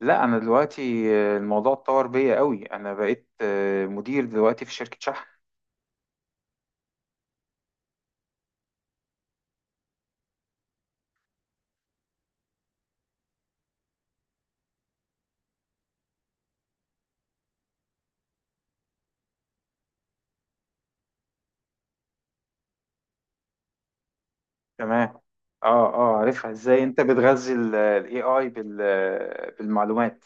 لا، انا دلوقتي الموضوع اتطور بيا قوي. انا بقيت مدير دلوقتي في شركة شحن. تمام. اه عارفها، ازاي انت بتغذي الاي اي بالمعلومات.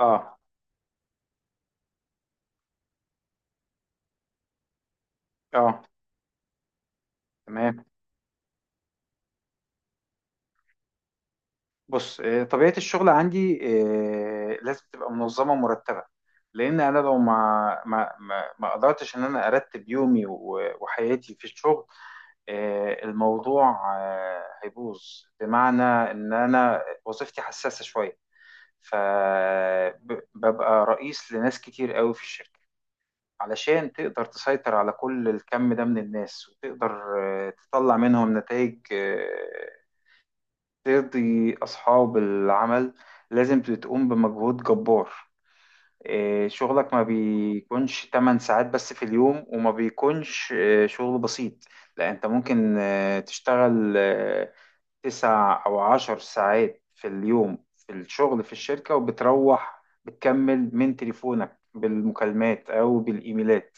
اه اه. تمام. بص، طبيعة الشغل عندي لازم تبقى منظمة ومرتبة، لان انا لو ما قدرتش ان انا ارتب يومي وحياتي في الشغل، الموضوع هيبوظ. بمعنى ان انا وظيفتي حساسة شوية، فببقى رئيس لناس كتير قوي في الشركة. علشان تقدر تسيطر على كل الكم ده من الناس وتقدر تطلع منهم نتائج ترضي أصحاب العمل، لازم تقوم بمجهود جبار. إيه، شغلك ما بيكونش 8 ساعات بس في اليوم، وما بيكونش إيه، شغل بسيط. لا، انت ممكن تشتغل تسع او عشر ساعات في اليوم في الشغل في الشركة، وبتروح بتكمل من تليفونك بالمكالمات او بالايميلات.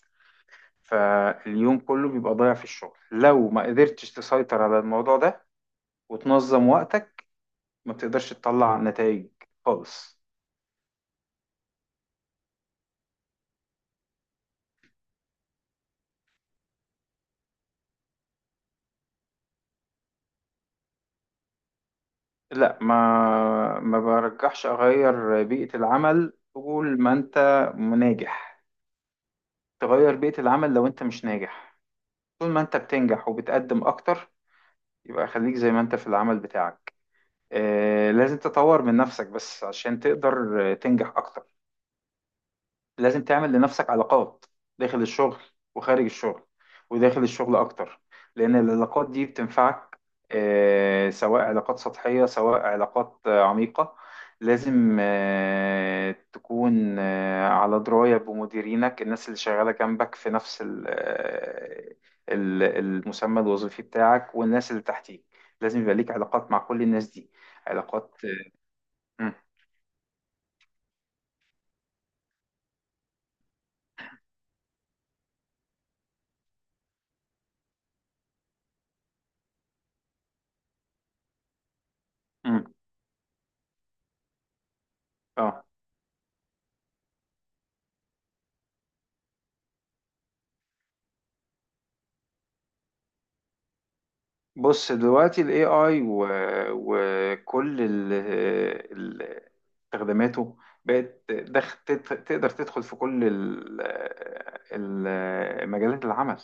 فاليوم كله بيبقى ضايع في الشغل لو ما قدرتش تسيطر على الموضوع ده وتنظم وقتك. ما بتقدرش تطلع نتائج خالص. لا، ما برجحش اغير بيئة العمل طول ما انت ناجح. تغير بيئة العمل لو انت مش ناجح. طول ما انت بتنجح وبتقدم اكتر، يبقى خليك زي ما انت في العمل بتاعك. آه، لازم تطور من نفسك بس عشان تقدر تنجح اكتر. لازم تعمل لنفسك علاقات داخل الشغل وخارج الشغل، وداخل الشغل أكتر، لأن العلاقات دي بتنفعك. سواء علاقات سطحية سواء علاقات عميقة. لازم تكون على دراية بمديرينك، الناس اللي شغالة جنبك في نفس المسمى الوظيفي بتاعك، والناس اللي تحتيك. لازم يبقى ليك علاقات مع كل الناس دي. علاقات. مم. مم. اه، بص دلوقتي ال AI وكل ال- استخداماته تقدر تدخل في كل مجالات العمل.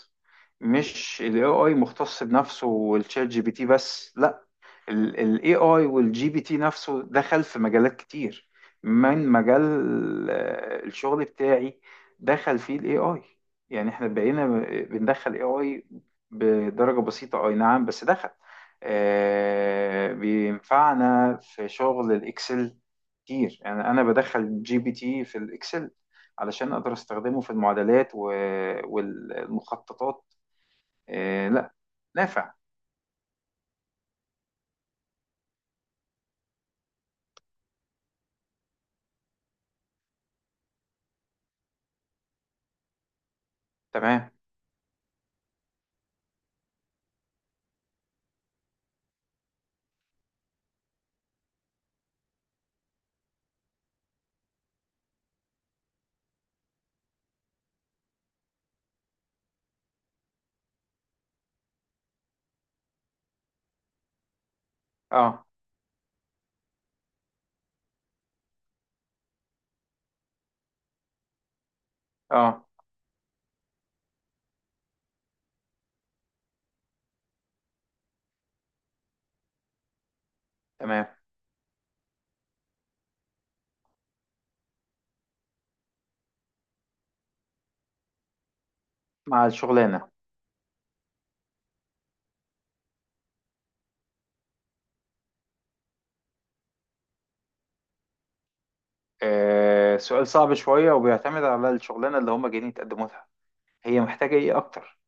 مش ال AI مختص بنفسه والشات جي بي تي بس، لا، ال AI وال GPT نفسه دخل في مجالات كتير. من مجال الشغل بتاعي دخل فيه ال AI. يعني احنا بقينا بندخل AI بدرجة بسيطة، أي نعم بس دخل. بينفعنا في شغل الإكسل كتير. يعني أنا بدخل جي بي تي في الإكسل علشان أقدر أستخدمه في المعادلات والمخططات. آه، لا، نافع. تمام. أه أه. تمام. مع الشغلانة. سؤال صعب شوية وبيعتمد على الشغلانة اللي هما جايين يتقدموا لها. هي محتاجة إيه أكتر؟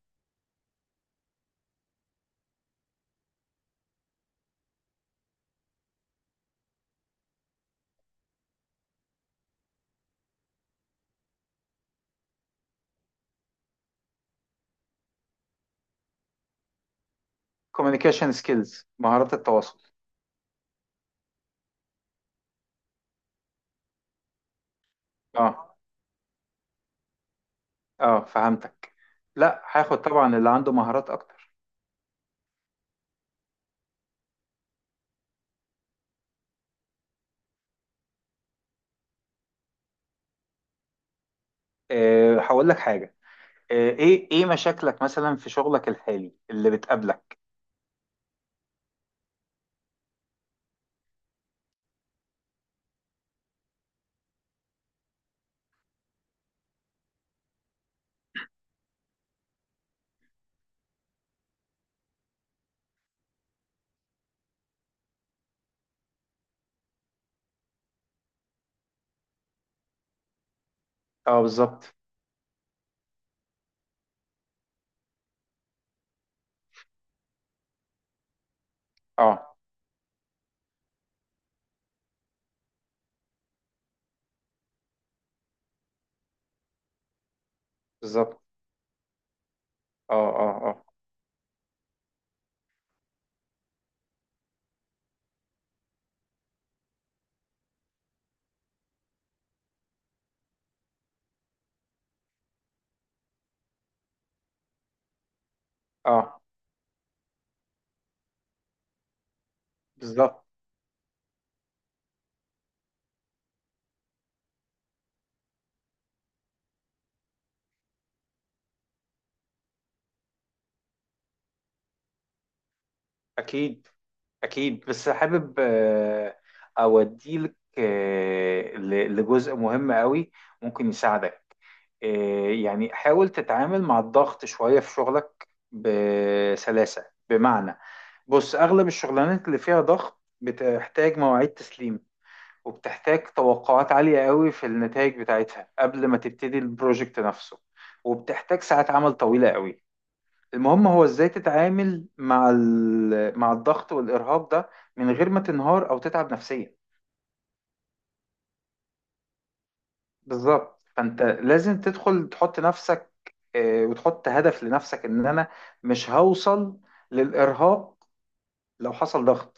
communication skills، مهارات التواصل. أه. اه، فهمتك. لا، هاخد طبعا اللي عنده مهارات اكتر. أه، هقول لك حاجه. أه، ايه مشاكلك مثلا في شغلك الحالي اللي بتقابلك؟ اه، بالظبط. اه، بالظبط. اه. اه، بالظبط. اكيد. اكيد، بس حابب أه اوديلك أه لجزء مهم قوي ممكن يساعدك. إيه، يعني حاول تتعامل مع الضغط شوية في شغلك بسلاسة. بمعنى، بص أغلب الشغلانات اللي فيها ضغط بتحتاج مواعيد تسليم، وبتحتاج توقعات عالية قوي في النتائج بتاعتها قبل ما تبتدي البروجكت نفسه، وبتحتاج ساعات عمل طويلة قوي. المهم هو ازاي تتعامل مع مع الضغط والإرهاق ده من غير ما تنهار أو تتعب نفسيا. بالظبط، فانت لازم تدخل تحط نفسك، وتحط هدف لنفسك ان انا مش هوصل للارهاق لو حصل ضغط.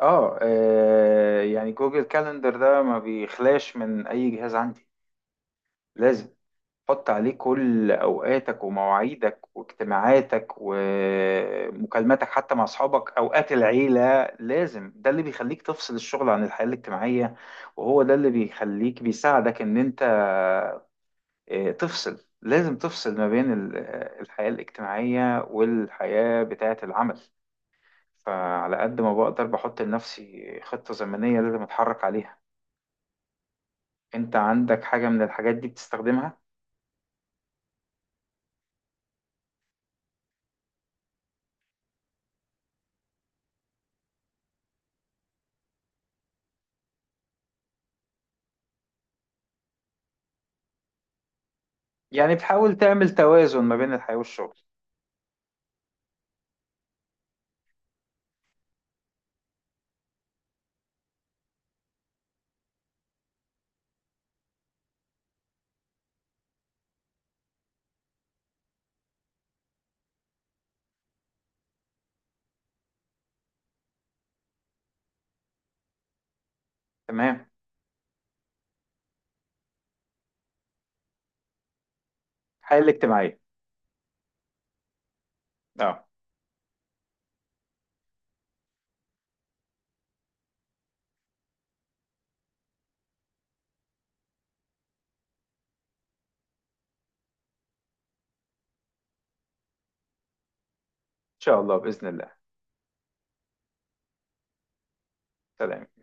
اه، يعني جوجل كالندر ده ما بيخلاش من اي جهاز عندي. لازم تحط عليه كل اوقاتك ومواعيدك واجتماعاتك ومكالماتك، حتى مع اصحابك اوقات العيله. لازم، ده اللي بيخليك تفصل الشغل عن الحياه الاجتماعيه. وهو ده اللي بيخليك بيساعدك ان انت تفصل ما بين الحياة الاجتماعية والحياة بتاعة العمل. فعلى قد ما بقدر بحط لنفسي خطة زمنية لازم أتحرك عليها. أنت عندك حاجة من الحاجات دي بتستخدمها؟ يعني بتحاول تعمل توازن ما بين الحياة والشغل. تمام. الحياة الاجتماعية. اه. إن شاء الله، بإذن الله. سلام.